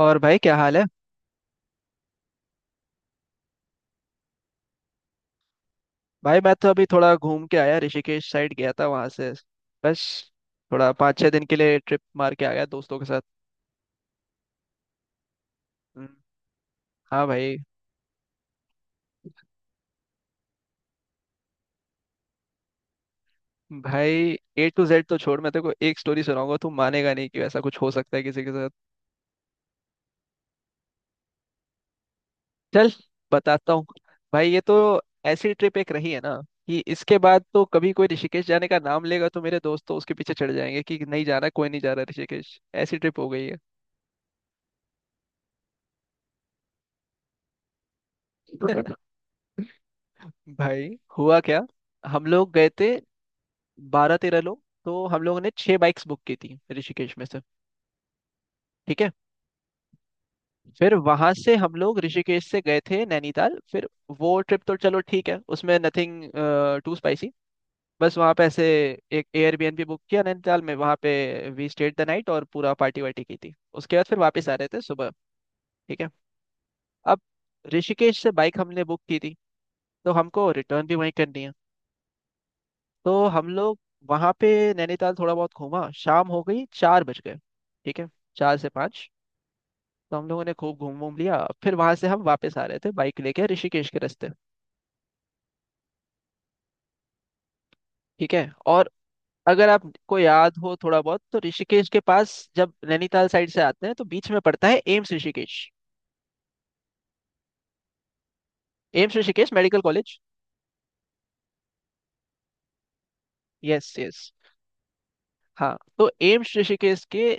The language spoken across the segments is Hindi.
और भाई, क्या हाल है? भाई मैं तो अभी थोड़ा घूम के आया, ऋषिकेश साइड गया था वहां से। बस थोड़ा 5-6 दिन के लिए ट्रिप मार के आया दोस्तों के साथ। हम्म, हाँ भाई। भाई ए टू जेड तो छोड़, मैं तेरे को एक स्टोरी सुनाऊंगा, तू मानेगा नहीं कि ऐसा कुछ हो सकता है किसी के साथ। चल, बताता हूँ। भाई ये तो ऐसी ट्रिप एक रही है ना कि इसके बाद तो कभी कोई ऋषिकेश जाने का नाम लेगा तो मेरे दोस्त तो उसके पीछे चढ़ जाएंगे कि नहीं जा रहा कोई, नहीं जा रहा ऋषिकेश, ऐसी ट्रिप हो गई है। भाई, हुआ क्या? हम लोग गए थे 12-13 लोग, तो हम लोगों ने 6 बाइक्स बुक की थी ऋषिकेश में से। ठीक है। फिर वहां से हम लोग ऋषिकेश से गए थे नैनीताल। फिर वो ट्रिप तो चलो ठीक है, उसमें नथिंग टू स्पाइसी। बस वहां पे ऐसे एक एयरबीएनबी बुक किया नैनीताल में, वहां पे वी स्टेड द नाइट और पूरा पार्टी वार्टी की थी। उसके बाद फिर वापस आ रहे थे सुबह। ठीक है। अब, ऋषिकेश से बाइक हमने बुक की थी तो हमको रिटर्न भी वहीं करनी है। तो हम लोग वहां पे नैनीताल थोड़ा बहुत घूमा, शाम हो गई, 4 बज गए। ठीक है। 4 से 5। तो हम लोगों ने खूब घूम घूम लिया। फिर वहां से हम वापस आ रहे थे बाइक लेके ऋषिकेश के रास्ते। ठीक है। और अगर आपको याद हो थोड़ा बहुत, तो ऋषिकेश के पास जब नैनीताल साइड से आते हैं तो बीच में पड़ता है AIIMS Rishikesh. AIIMS Rishikesh medical college. Yes yes. हाँ, तो एम्स ऋषिकेश के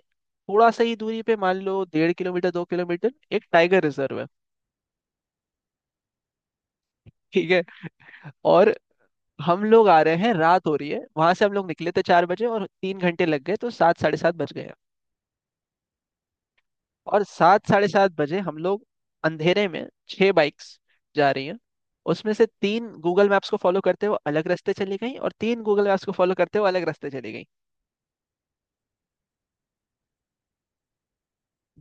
थोड़ा सा ही दूरी पे, मान लो 1.5 किलोमीटर 2 किलोमीटर, एक टाइगर रिजर्व है। ठीक है। और हम लोग आ रहे हैं, रात हो रही है, वहां से हम लोग निकले थे 4 बजे और 3 घंटे लग गए तो सात साढ़े सात बज गए। और सात साढ़े सात बजे हम लोग अंधेरे में 6 बाइक्स जा रही हैं। उसमें से तीन गूगल मैप्स को फॉलो करते हुए अलग रास्ते चली गई और तीन गूगल मैप्स को फॉलो करते हुए अलग रास्ते चली गई।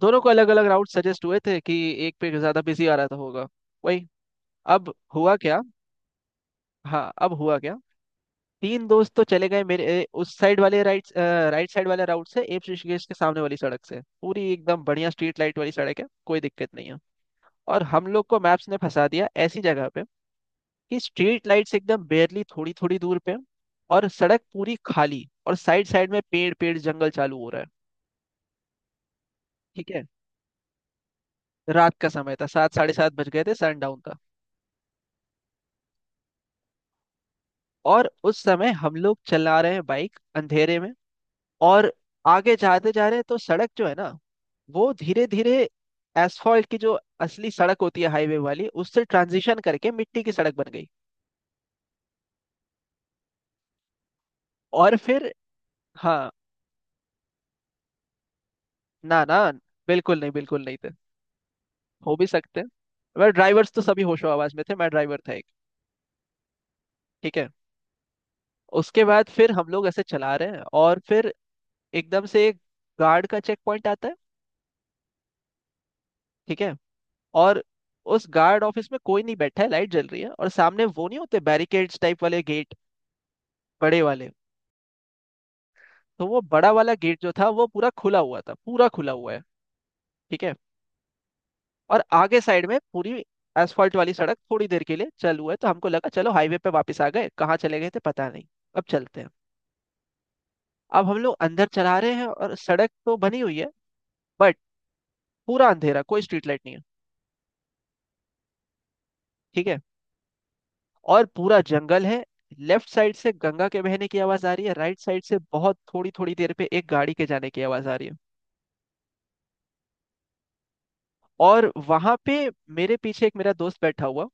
दोनों को अलग अलग राउट सजेस्ट हुए थे कि एक पे ज्यादा बिजी आ रहा था होगा, वही। अब हुआ क्या? हाँ, अब हुआ क्या। तीन दोस्त तो चले गए मेरे उस साइड वाले राइट, राइट साइड वाले राउट से, एप्स ऋषिकेश के सामने वाली सड़क से, पूरी एकदम बढ़िया स्ट्रीट लाइट वाली सड़क है, कोई दिक्कत नहीं है। और हम लोग को मैप्स ने फंसा दिया ऐसी जगह पे कि स्ट्रीट लाइट्स एकदम बेयरली थोड़ी थोड़ी दूर पे हैं और सड़क पूरी खाली और साइड साइड में पेड़ पेड़ जंगल चालू हो रहा है। ठीक है। रात का समय था, सात साढ़े सात बज गए थे, सनडाउन का। और उस समय हम लोग चला रहे हैं बाइक अंधेरे में। और आगे जाते जा रहे हैं तो सड़क जो है ना, वो धीरे धीरे एसफॉल्ट की जो असली सड़क होती है हाईवे वाली उससे ट्रांजिशन करके मिट्टी की सड़क बन गई। और फिर हाँ, ना ना, बिल्कुल नहीं, बिल्कुल नहीं थे। हो भी सकते हैं, वह ड्राइवर्स तो सभी होशो आवाज में थे, मैं ड्राइवर था एक। ठीक है। उसके बाद फिर हम लोग ऐसे चला रहे हैं और फिर एकदम से एक गार्ड का चेक पॉइंट आता है। ठीक है। और उस गार्ड ऑफिस में कोई नहीं बैठा है, लाइट जल रही है और सामने वो नहीं होते बैरिकेड्स टाइप वाले गेट, बड़े वाले। तो वो बड़ा वाला गेट जो था वो पूरा खुला हुआ था, पूरा खुला हुआ है। ठीक है। और आगे साइड में पूरी एसफॉल्ट वाली सड़क थोड़ी देर के लिए चल हुआ है तो हमको लगा चलो हाईवे पे वापस आ गए, कहाँ चले गए थे पता नहीं, अब चलते हैं। अब हम लोग अंदर चला रहे हैं और सड़क तो बनी हुई है, बट पूरा अंधेरा, कोई स्ट्रीट लाइट नहीं है। ठीक है। और पूरा जंगल है। लेफ्ट साइड से गंगा के बहने की आवाज आ रही है, राइट साइड से बहुत थोड़ी थोड़ी देर पे एक गाड़ी के जाने की आवाज आ रही है। और वहां पे मेरे पीछे एक मेरा दोस्त बैठा हुआ,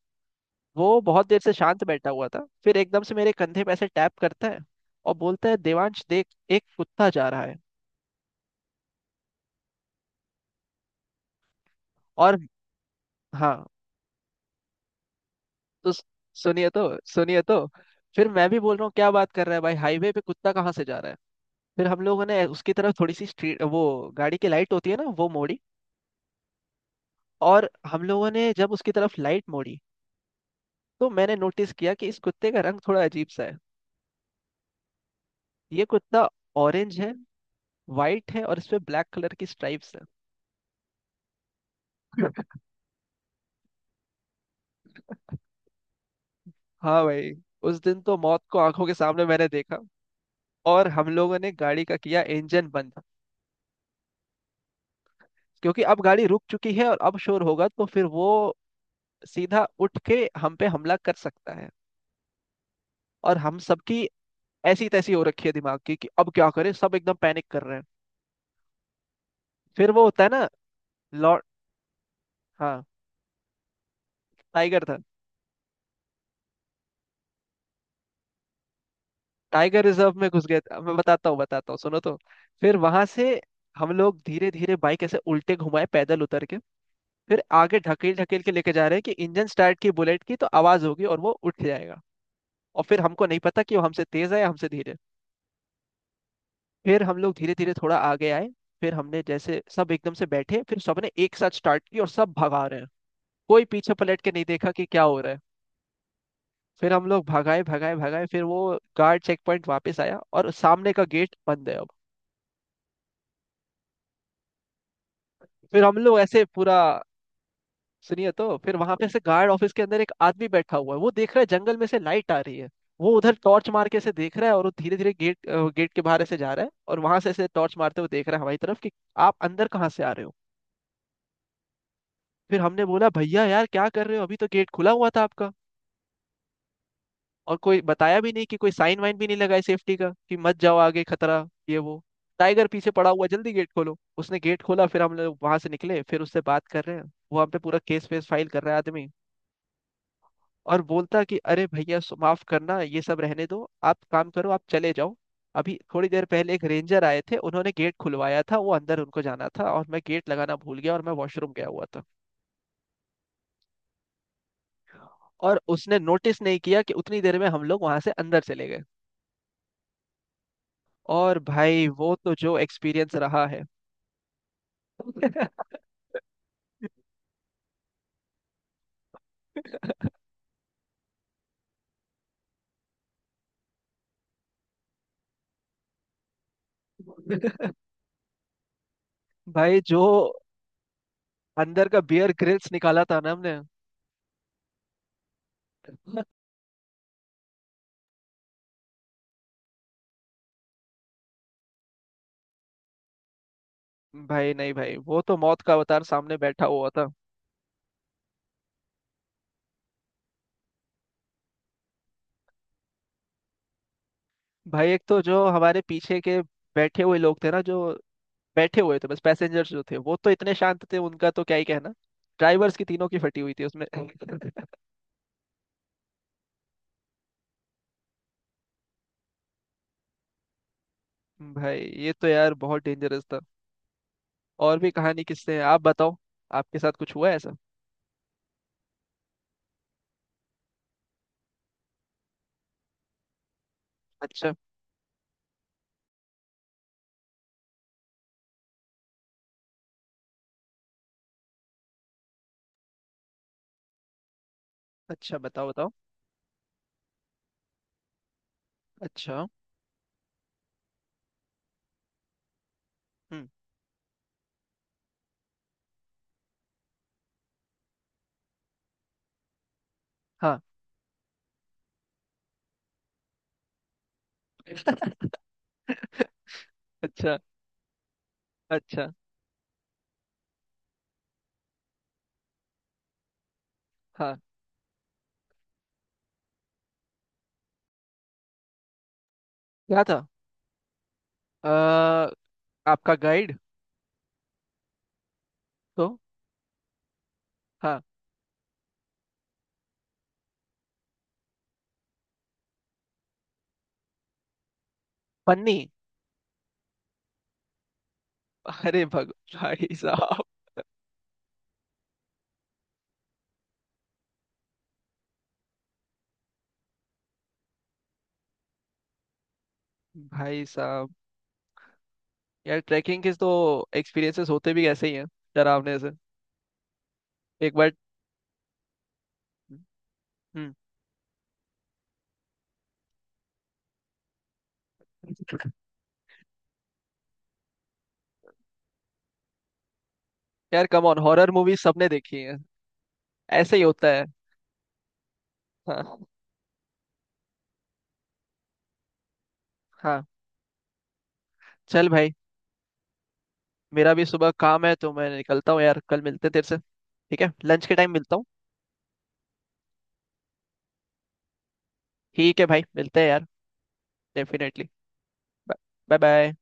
वो बहुत देर से शांत बैठा हुआ था, फिर एकदम से मेरे कंधे पे ऐसे टैप करता है और बोलता है, देवांश देख, एक कुत्ता जा रहा है। और हाँ, तो सुनिए तो, सुनिए तो। फिर मैं भी बोल रहा हूँ क्या बात कर रहा है भाई, हाईवे पे कुत्ता कहाँ से जा रहा है। फिर हम लोगों ने उसकी तरफ थोड़ी सी स्ट्रीट, वो गाड़ी की लाइट होती है ना, वो मोड़ी। और हम लोगों ने जब उसकी तरफ लाइट मोड़ी तो मैंने नोटिस किया कि इस कुत्ते का रंग थोड़ा अजीब सा है। ये कुत्ता ऑरेंज है, वाइट है और इस पे ब्लैक कलर की स्ट्राइप्स है। हाँ भाई, उस दिन तो मौत को आंखों के सामने मैंने देखा। और हम लोगों ने गाड़ी का किया इंजन बंद, क्योंकि अब गाड़ी रुक चुकी है और अब शोर होगा तो फिर वो सीधा उठ के हम पे हमला कर सकता है। और हम सबकी ऐसी तैसी हो रखी है दिमाग की कि अब क्या करें, सब एकदम पैनिक कर रहे हैं। फिर वो होता है ना, लॉर्ड। हाँ, टाइगर था। टाइगर रिजर्व में घुस गए थे। मैं बताता हूँ बताता हूँ, सुनो तो। फिर वहां से हम लोग धीरे धीरे बाइक ऐसे उल्टे घुमाए पैदल उतर के, फिर आगे ढकेल ढकेल के लेके जा रहे हैं कि इंजन स्टार्ट की, बुलेट की तो आवाज होगी और वो उठ जाएगा। और फिर हमको नहीं पता कि वो हमसे तेज है या हमसे धीरे। फिर हम लोग धीरे धीरे थोड़ा आगे आए, फिर हमने जैसे सब एकदम से बैठे, फिर सबने एक साथ स्टार्ट की और सब भगा रहे हैं, कोई पीछे पलट के नहीं देखा कि क्या हो रहा है। फिर हम लोग भगाए भगाए भगाए, फिर वो गार्ड चेक पॉइंट वापस आया और सामने का गेट बंद है अब। फिर हम लोग ऐसे पूरा, सुनिए तो, फिर वहां पे से गार्ड ऑफिस के अंदर एक आदमी बैठा हुआ है, वो देख रहा है जंगल में से लाइट आ रही है। वो उधर टॉर्च मार के ऐसे देख रहा है और वो धीरे धीरे गेट, गेट के बाहर ऐसे जा रहा है और वहां से ऐसे टॉर्च मारते हुए देख रहा है हमारी तरफ कि आप अंदर कहाँ से आ रहे हो। फिर हमने बोला भैया यार क्या कर रहे हो, अभी तो गेट खुला हुआ था आपका और कोई बताया भी नहीं, कि कोई साइन वाइन भी नहीं लगाए सेफ्टी का कि मत जाओ आगे खतरा ये वो, टाइगर पीछे पड़ा हुआ, जल्दी गेट खोलो। उसने गेट खोला, फिर हम लोग वहां से निकले, फिर उससे बात कर रहे हैं। वो हम पे पूरा केस वेस फाइल कर रहा है आदमी और बोलता कि अरे भैया, माफ करना, ये सब रहने दो, आप काम करो, आप चले जाओ, अभी थोड़ी देर पहले एक रेंजर आए थे, उन्होंने गेट खुलवाया था, वो अंदर उनको जाना था और मैं गेट लगाना भूल गया और मैं वॉशरूम गया हुआ था। और उसने नोटिस नहीं किया कि उतनी देर में हम लोग वहां से अंदर चले गए। और भाई वो तो जो एक्सपीरियंस रहा है। भाई जो अंदर का बियर ग्रिल्स निकाला था ना हमने। भाई नहीं भाई, वो तो मौत का अवतार सामने बैठा हुआ था। भाई एक तो जो हमारे पीछे के बैठे हुए लोग थे ना, जो बैठे हुए थे बस, पैसेंजर्स जो थे वो तो इतने शांत थे, उनका तो क्या ही कहना। ड्राइवर्स की तीनों की फटी हुई थी उसमें। भाई ये तो यार बहुत डेंजरस था। और भी कहानी किससे है, आप बताओ? आपके साथ कुछ हुआ है ऐसा? अच्छा। अच्छा बताओ बताओ। अच्छा। हम्म। हाँ। अच्छा। अच्छा। हाँ, क्या था? अ, आपका गाइड? तो हाँ, पन्नी? अरे भग भाई साहब। भाई साहब, यार ट्रैकिंग के तो एक्सपीरियंसेस होते भी ऐसे ही हैं, डरावने से। एक बार। हम्म। यार कम ऑन, हॉरर मूवी सबने देखी है, ऐसे ही होता है। हाँ हाँ। चल भाई, मेरा भी सुबह काम है तो मैं निकलता हूँ यार, कल मिलते हैं तेरे से। ठीक है, लंच के टाइम मिलता हूँ। ठीक है भाई, मिलते हैं यार। डेफिनेटली। Bye bye.